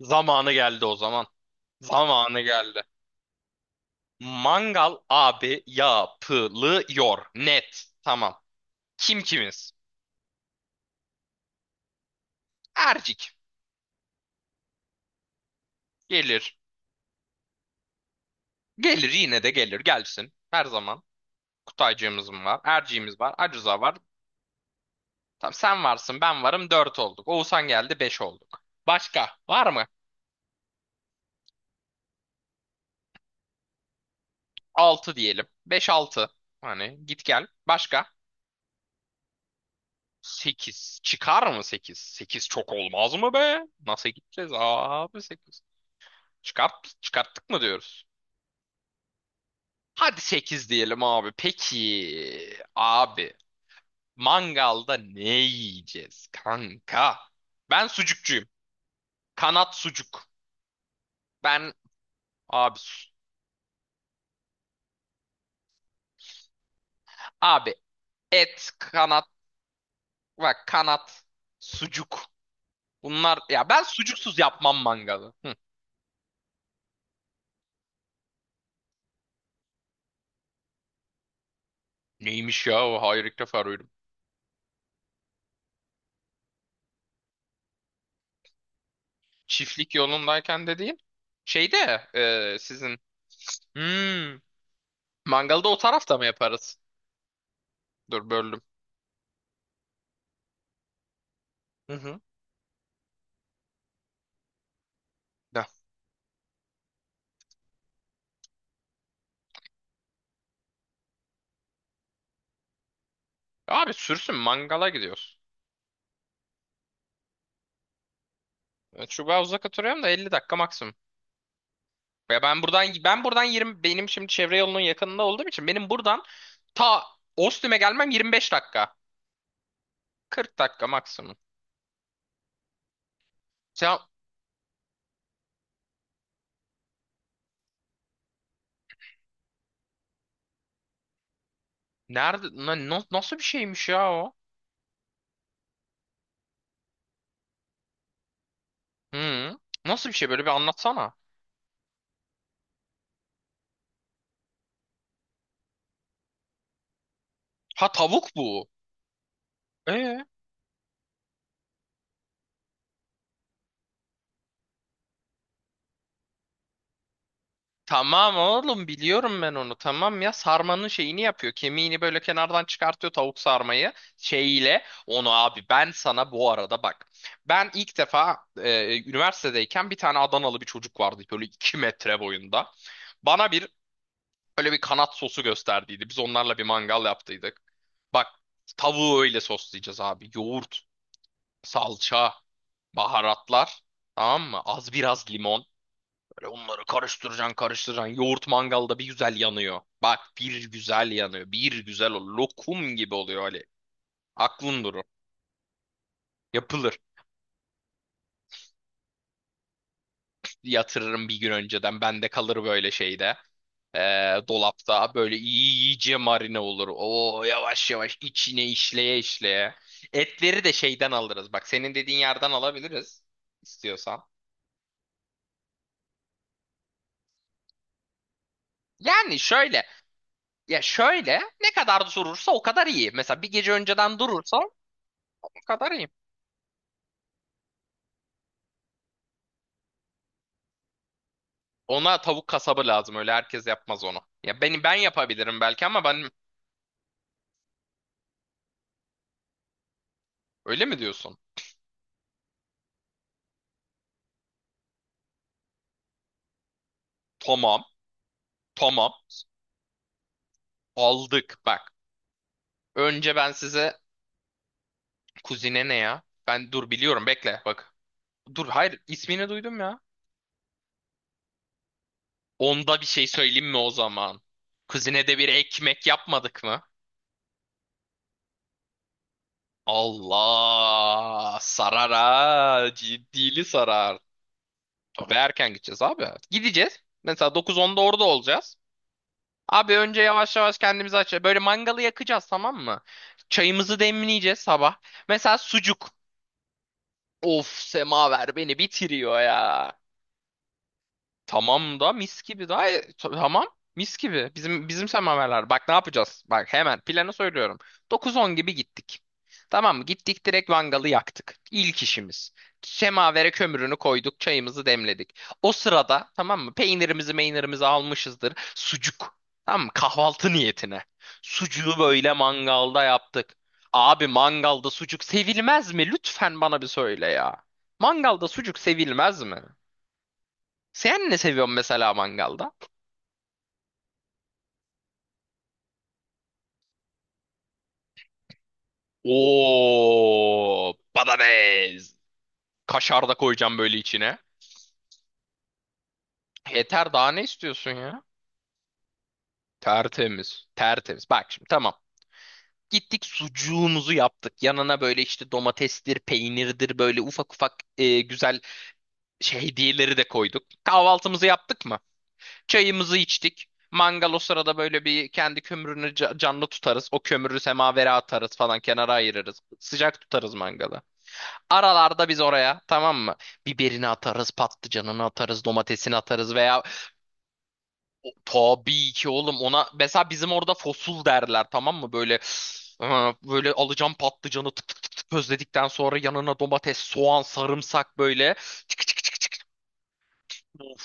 Zamanı geldi o zaman. Zamanı geldi. Mangal abi yapılıyor. Net. Tamam. Kim kimiz? Ercik. Gelir. Gelir yine de gelir. Gelsin. Her zaman. Kutaycığımız mı var? Erciğimiz var. Acuza var. Tamam sen varsın ben varım. Dört olduk. Oğuzhan geldi. Beş olduk. Başka var mı? Altı diyelim. Beş altı. Hani git gel. Başka? Sekiz. Çıkar mı sekiz? Sekiz çok olmaz mı be? Nasıl gideceğiz abi sekiz? Çıkart, çıkarttık mı diyoruz? Hadi 8 diyelim abi. Peki abi mangalda ne yiyeceğiz kanka? Ben sucukçuyum. Kanat sucuk. Ben abi abi et kanat bak kanat sucuk. Bunlar ya ben sucuksuz yapmam mangalı. Hı. Neymiş ya o hayır ilk defa duydum. Çiftlik yolundayken dediğin şeyde sizin hmm, mangalda o tarafta mı yaparız? Dur böldüm. Hı hı. Abi sürsün mangala gidiyoruz. Çubuğa uzak oturuyorum da 50 dakika maksimum. Ya ben buradan 20 benim şimdi çevre yolunun yakınında olduğum için benim buradan ta Ostim'e gelmem 25 dakika. 40 dakika maksimum. Sen nerede nasıl bir şeymiş ya o? Hı. Nasıl bir şey böyle bir anlatsana. Ha tavuk bu. E? Tamam oğlum biliyorum ben onu tamam ya sarmanın şeyini yapıyor kemiğini böyle kenardan çıkartıyor tavuk sarmayı şeyiyle onu abi ben sana bu arada bak ben ilk defa üniversitedeyken bir tane Adanalı bir çocuk vardı böyle 2 metre boyunda bana bir böyle bir kanat sosu gösterdiydi biz onlarla bir mangal yaptıydık bak tavuğu öyle soslayacağız abi yoğurt salça baharatlar tamam mı az biraz limon Böyle onları karıştıracaksın karıştıracaksın. Yoğurt mangalda bir güzel yanıyor. Bak bir güzel yanıyor. Bir güzel o lokum gibi oluyor Ali. Aklın durur. Yapılır. Yatırırım bir gün önceden. Bende kalır böyle şeyde. Dolapta böyle iyice marine olur. O yavaş yavaş içine işleye işleye. Etleri de şeyden alırız. Bak senin dediğin yerden alabiliriz istiyorsan. Yani şöyle ya şöyle ne kadar durursa o kadar iyi. Mesela bir gece önceden durursa o kadar iyi. Ona tavuk kasabı lazım. Öyle herkes yapmaz onu. Ya beni ben yapabilirim belki ama ben öyle mi diyorsun? Tamam. Tamam. Aldık bak. Önce ben size kuzine ne ya? Ben dur biliyorum bekle bak. Dur hayır ismini duydum ya. Onda bir şey söyleyeyim mi o zaman? Kuzine de bir ekmek yapmadık mı? Allah sarar ha ciddili sarar. Ve erken gideceğiz abi. Gideceğiz. Mesela 9-10'da orada olacağız. Abi önce yavaş yavaş kendimizi aç. Böyle mangalı yakacağız tamam mı? Çayımızı demleyeceğiz sabah. Mesela sucuk. Of semaver beni bitiriyor ya. Tamam da mis gibi daha tamam mis gibi. Bizim semaverler. Bak ne yapacağız? Bak hemen planı söylüyorum. 9-10 gibi gittik. Tamam mı? Gittik direkt mangalı yaktık. İlk işimiz. Semavere kömürünü koyduk, çayımızı demledik. O sırada tamam mı? Peynirimizi, meynirimizi almışızdır. Sucuk. Tamam mı? Kahvaltı niyetine. Sucuğu böyle mangalda yaptık. Abi mangalda sucuk sevilmez mi? Lütfen bana bir söyle ya. Mangalda sucuk sevilmez mi? Sen ne seviyorsun mesela mangalda? Oo, badabez. Kaşar da koyacağım böyle içine. Yeter daha ne istiyorsun ya? Tertemiz. Tertemiz. Bak şimdi tamam. Gittik sucuğumuzu yaptık. Yanına böyle işte domatestir, peynirdir böyle ufak ufak güzel şey hediyeleri de koyduk. Kahvaltımızı yaptık mı? Çayımızı içtik. Mangal o sırada böyle bir kendi kömürünü canlı tutarız. O kömürü semavere atarız falan kenara ayırırız. Sıcak tutarız mangalı. Aralarda biz oraya tamam mı? Biberini atarız, patlıcanını atarız, domatesini atarız veya tabii ki oğlum ona mesela bizim orada fosul derler tamam mı? Böyle böyle alacağım patlıcanı tık tık tık tık közledikten sonra yanına domates, soğan, sarımsak böyle çık çık çık çık. Of.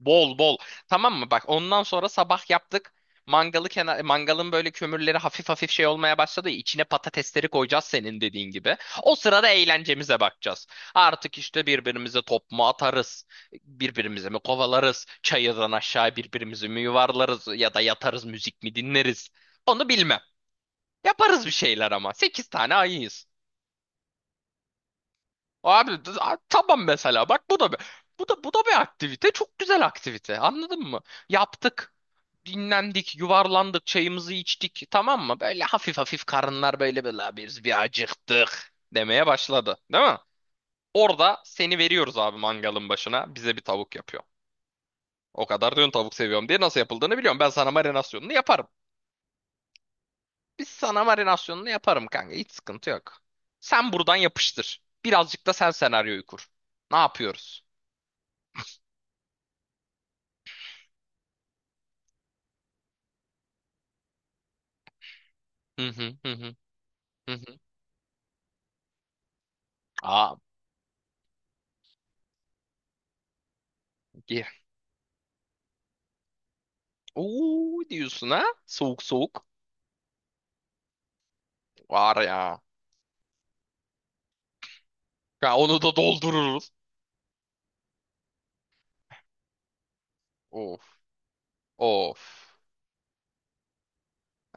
Bol bol. Tamam mı? Bak ondan sonra sabah yaptık. Mangalı kenar, mangalın böyle kömürleri hafif hafif şey olmaya başladı. Ya, İçine patatesleri koyacağız senin dediğin gibi. O sırada eğlencemize bakacağız. Artık işte birbirimize top mu atarız? Birbirimize mi kovalarız? Çayırdan aşağı birbirimizi mi yuvarlarız? Ya da yatarız müzik mi dinleriz? Onu bilmem. Yaparız bir şeyler ama. Sekiz tane ayıyız. Abi tamam mesela bak bu da bir aktivite. Çok güzel aktivite. Anladın mı? Yaptık. Dinlendik, yuvarlandık, çayımızı içtik. Tamam mı? Böyle hafif hafif karınlar böyle böyle "La biz bir acıktık demeye başladı. Değil mi? Orada seni veriyoruz abi mangalın başına. Bize bir tavuk yapıyor. O kadar diyorsun tavuk seviyorum diye nasıl yapıldığını biliyorum. Ben sana marinasyonunu yaparım. Biz sana marinasyonunu yaparım kanka. Hiç sıkıntı yok. Sen buradan yapıştır. Birazcık da sen senaryoyu kur. Ne yapıyoruz? Hı hı hı hı hı hı. Aa, ye. Oo diyorsun ha? Soğuk soğuk. Var ya. Ya onu da doldururuz. Of. Of.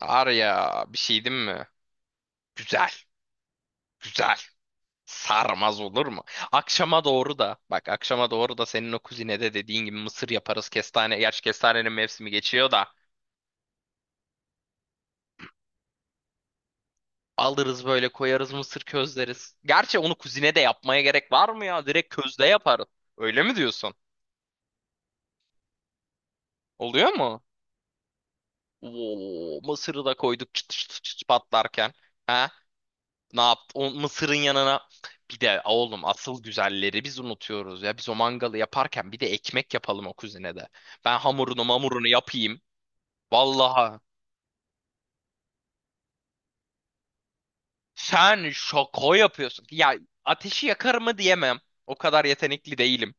Var ya bir şey değil mi? Güzel. Güzel. Sarmaz olur mu? Akşama doğru da bak akşama doğru da senin o kuzinede dediğin gibi mısır yaparız. Kestane. Gerçi kestanenin mevsimi geçiyor da. Alırız böyle koyarız mısır közleriz. Gerçi onu kuzine de yapmaya gerek var mı ya? Direkt közde yaparız. Öyle mi diyorsun? Oluyor mu? Oo, mısırı da koyduk çıt çıt çıt çıt patlarken. Ha? Ne yaptı? O mısırın yanına bir de oğlum asıl güzelleri biz unutuyoruz ya. Biz o mangalı yaparken bir de ekmek yapalım o kuzinede. Ben hamurunu mamurunu yapayım. Vallahi sen şoko yapıyorsun. Ya ateşi yakar mı diyemem. O kadar yetenekli değilim.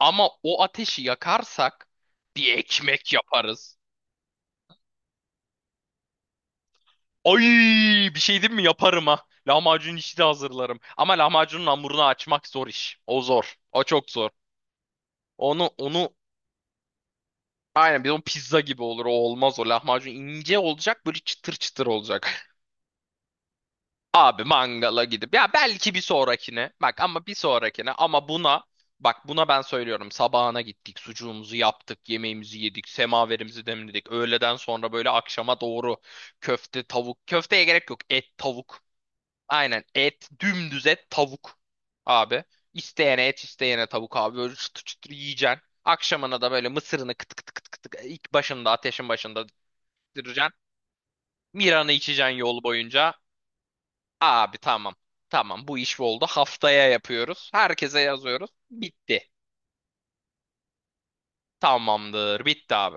Ama o ateşi yakarsak bir ekmek yaparız. Ay bir şey diyeyim mi yaparım ha. Lahmacun işi de hazırlarım. Ama lahmacunun hamurunu açmak zor iş. O zor. O çok zor. Onu aynen bir de o pizza gibi olur. O olmaz o lahmacun ince olacak böyle çıtır çıtır olacak. Abi mangala gidip ya belki bir sonrakine. Bak ama bir sonrakine ama buna bak buna ben söylüyorum. Sabahına gittik, sucuğumuzu yaptık, yemeğimizi yedik, semaverimizi demledik. Öğleden sonra böyle akşama doğru köfte, tavuk. Köfteye gerek yok. Et, tavuk. Aynen et dümdüz et tavuk abi. İsteyene et isteyene tavuk abi böyle çıtır çıtır yiyeceksin. Akşamına da böyle mısırını kıt kıt kıt kıt kıt ilk başında ateşin başında diracaksın. Miran'ı içeceksin yol boyunca. Abi tamam tamam bu iş oldu haftaya yapıyoruz. Herkese yazıyoruz. Bitti. Tamamdır bitti abi.